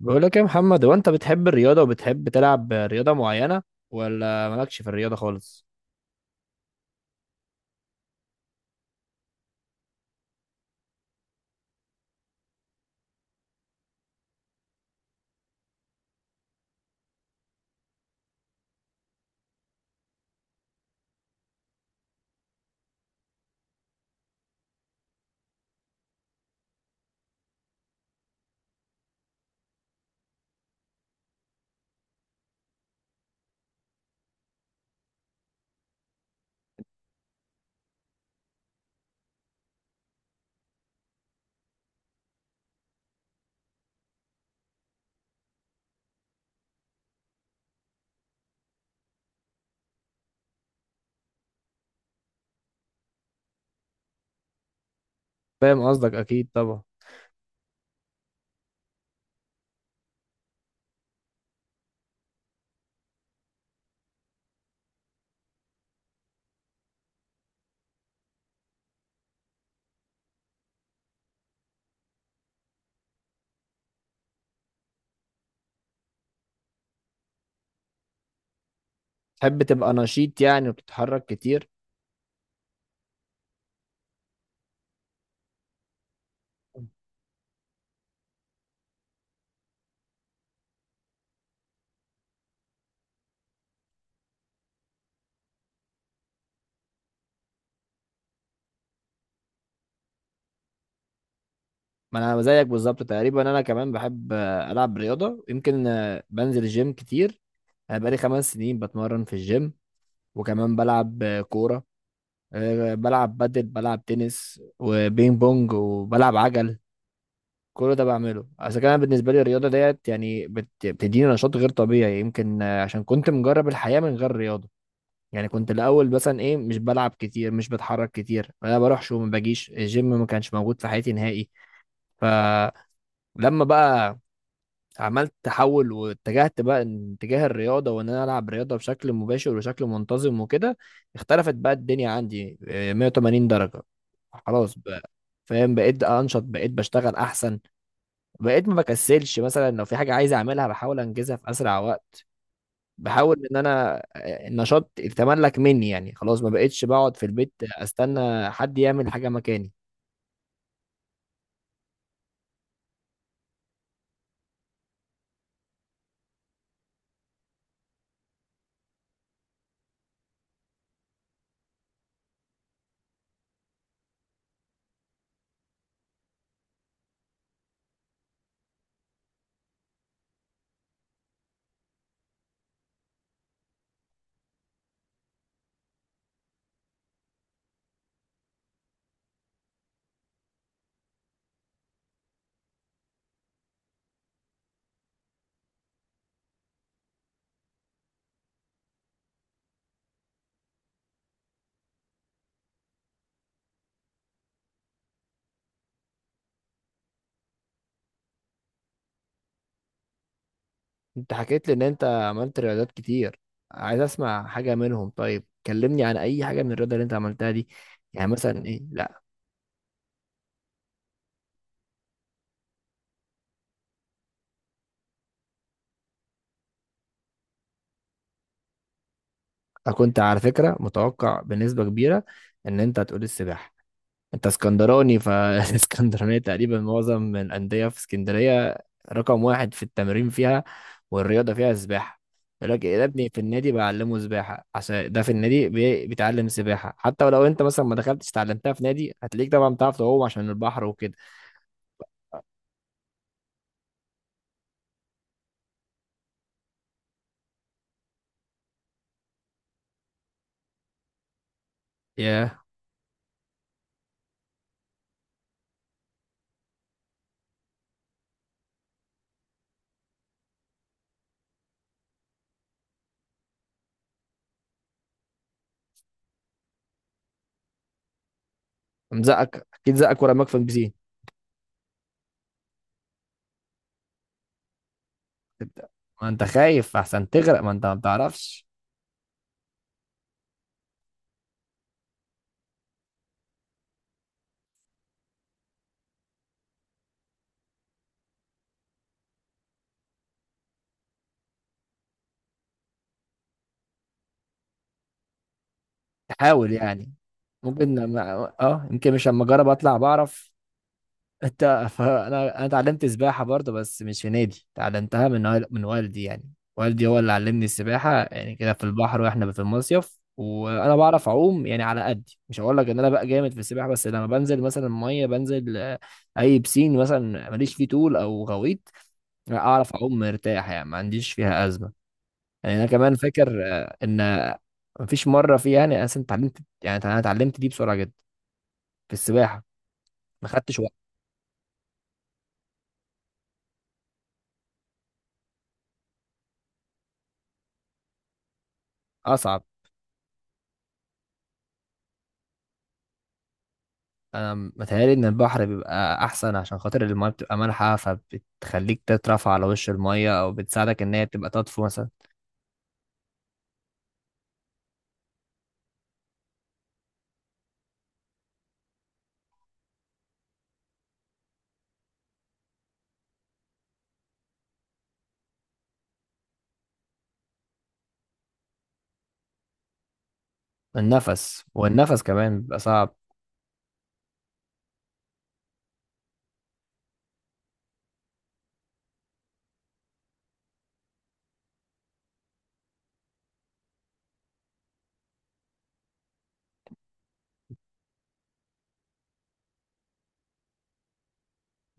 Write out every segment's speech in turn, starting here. بقول لك إيه يا محمد؟ هو انت بتحب الرياضة وبتحب تلعب رياضة معينة، ولا مالكش في الرياضة خالص؟ فاهم قصدك، اكيد طبعا. تحب تبقى نشيط يعني وبتتحرك كتير. ما انا زيك بالظبط تقريبا، انا كمان بحب العب رياضة. يمكن بنزل الجيم كتير. انا بقالي خمس سنين بتمرن في الجيم، وكمان بلعب كورة. بلعب بادل، بلعب تنس وبينج بونج، وبلعب عجل. كل ده بعمله اصل كان بالنسبه لي الرياضه ديت يعني بتديني نشاط غير طبيعي. يمكن عشان كنت مجرب الحياه من غير رياضه. يعني كنت الاول مثلا ايه، مش بلعب كتير، مش بتحرك كتير، انا بروحش وما باجيش الجيم، ما كانش موجود في حياتي نهائي. فلما بقى عملت تحول واتجهت بقى اتجاه الرياضه، وان انا العب رياضه بشكل مباشر وشكل منتظم وكده، اختلفت بقى الدنيا عندي 180 درجه. خلاص بقى، فاهم، بقيت انشط، بقيت بشتغل احسن، بقيت ما بكسلش. مثلا لو في حاجة عايز أعملها بحاول أنجزها في أسرع وقت. بحاول إن أنا النشاط يتملك مني، يعني خلاص ما بقيتش بقعد في البيت أستنى حد يعمل حاجة مكاني. أنت حكيت لي إن أنت عملت رياضات كتير، عايز أسمع حاجة منهم. طيب كلمني عن أي حاجة من الرياضة اللي أنت عملتها دي، يعني مثلا إيه. لا، أنا كنت على فكرة متوقع بنسبة كبيرة إن أنت هتقول السباحة. انت اسكندراني، فالاسكندرانية تقريبا معظم من الأندية في اسكندرية رقم واحد في التمرين فيها، والرياضة فيها السباحة. يقول لك إيه، يا ابني في النادي بعلمه سباحة، عشان ده في النادي بيتعلم سباحة، حتى ولو انت مثلا ما دخلتش اتعلمتها في نادي هتلاقيك طبعا بتعرف تعوم عشان البحر وكده. ياه، مزقك اكيد، زقك ورماك في البسين. تبدأ، ما انت خايف احسن تغرق، ما انت ما بتعرفش تحاول يعني. ممكن لما، اه، يمكن مش لما اجرب اطلع بعرف. انت، فانا انا اتعلمت سباحه برضه، بس مش في نادي، اتعلمتها من من والدي يعني. والدي هو اللي علمني السباحه، يعني كده في البحر واحنا في المصيف، وانا بعرف اعوم يعني على قدي. مش هقول لك ان انا بقى جامد في السباحه، بس لما بنزل مثلا ميه، بنزل اي بسين مثلا ماليش فيه طول او غويط، اعرف اعوم مرتاح يعني، ما عنديش فيها ازمه. يعني انا كمان فاكر ان مفيش مره فيها يعني، انا أصلاً اتعلمت، يعني انا اتعلمت دي بسرعه جدا في السباحه، ما خدتش وقت. اصعب. انا متهيألي ان البحر بيبقى احسن عشان خاطر المايه بتبقى مالحه، فبتخليك تترفع على وش المايه، او بتساعدك ان هي تبقى تطفو مثلا. النفس، والنفس كمان بيبقى صعب.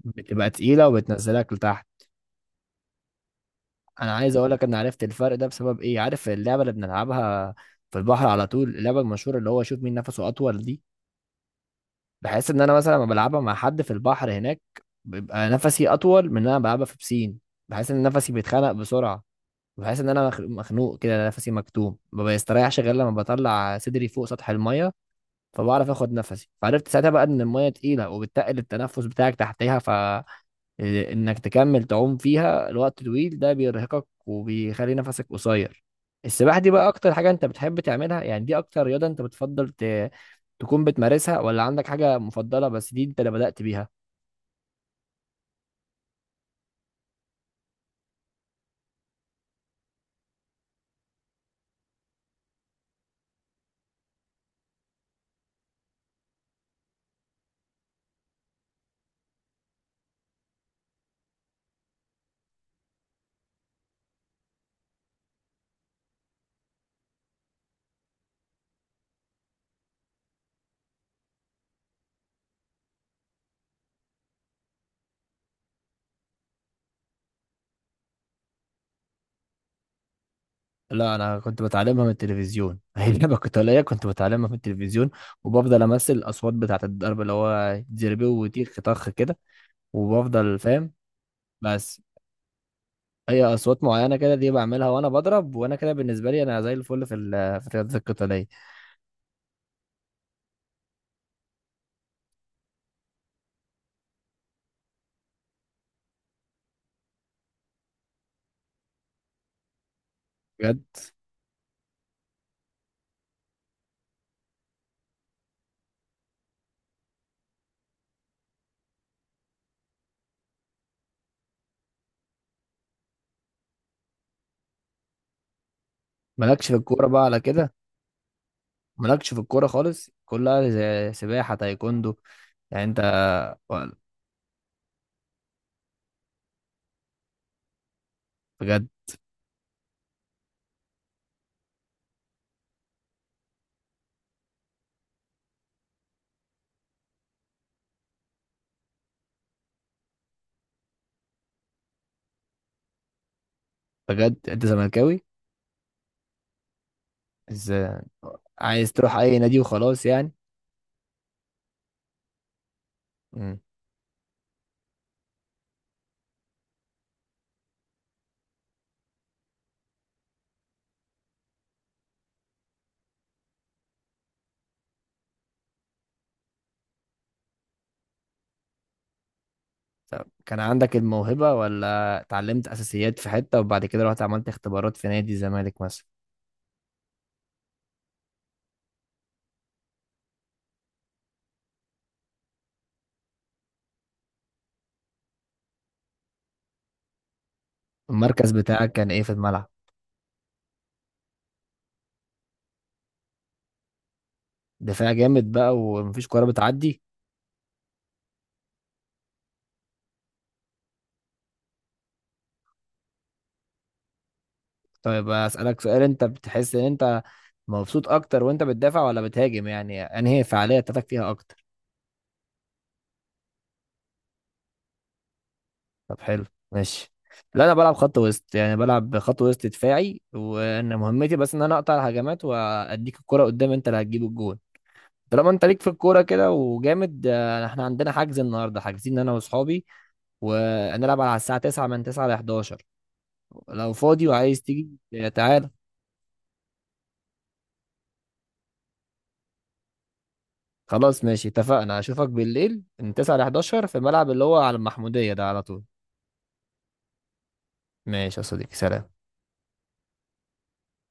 بتبقى تقيله وبتنزلك لتحت. انا عايز اقول لك ان عرفت الفرق ده بسبب ايه. عارف اللعبه اللي بنلعبها في البحر على طول، اللعبه المشهوره اللي هو شوف مين نفسه اطول دي، بحس ان انا مثلا لما بلعبها مع حد في البحر هناك بيبقى نفسي اطول من ان انا بلعبها في بسين. بحس ان نفسي بيتخنق بسرعه، بحس ان انا مخنوق كده، أنا نفسي مكتوم، ما بيستريحش غير لما بطلع صدري فوق سطح الميه فبعرف اخد نفسي. فعرفت ساعتها بقى ان الميه تقيله، وبتقل التنفس بتاعك تحتها، فانك تكمل تعوم فيها لوقت طويل ده بيرهقك وبيخلي نفسك قصير. السباحه دي بقى اكتر حاجه انت بتحب تعملها يعني؟ دي اكتر رياضه انت بتفضل تكون بتمارسها، ولا عندك حاجه مفضله، بس دي انت اللي بدأت بيها؟ لا، انا كنت بتعلمها من التلفزيون. هي اللعبه القتاليه كنت بتعلمها من التلفزيون، وبفضل امثل الاصوات بتاعت الضرب اللي هو زربيه وتيخ طخ كده، وبفضل فاهم، بس. هي اصوات معينه كده دي بعملها وانا بضرب، وانا كده بالنسبه لي انا زي الفل في الرياضات القتاليه. بجد، مالكش في الكوره بقى على كده؟ مالكش في الكوره خالص، كلها زي سباحه تايكوندو يعني، انت؟ بجد؟ بجد انت زملكاوي؟ ازاي؟ عايز تروح اي نادي وخلاص يعني. طب كان عندك الموهبة، ولا اتعلمت أساسيات في حتة، وبعد كده رحت عملت اختبارات في نادي الزمالك مثلا؟ المركز بتاعك كان إيه في الملعب؟ دفاع جامد بقى، ومفيش كورة بتعدي. طيب أسألك سؤال، أنت بتحس إن أنت مبسوط أكتر وأنت بتدافع ولا بتهاجم؟ يعني أنهي هي الفعالية بتاعتك فيها أكتر؟ طب حلو. ماشي. لا أنا بلعب خط وسط، يعني بلعب خط وسط دفاعي، وأنا مهمتي بس إن أنا أقطع الهجمات وأديك الكرة قدام، أنت اللي هتجيب الجون. طالما انت ليك في الكوره كده وجامد، احنا عندنا حجز النهارده، حاجزين انا واصحابي، وهنلعب على الساعه 9:00، من 9 ل 11. لو فاضي وعايز تيجي، تعالى. خلاص ماشي، اتفقنا، اشوفك بالليل من 9 ل 11 في الملعب اللي هو على المحموديه ده على طول. ماشي يا صديقي، سلام.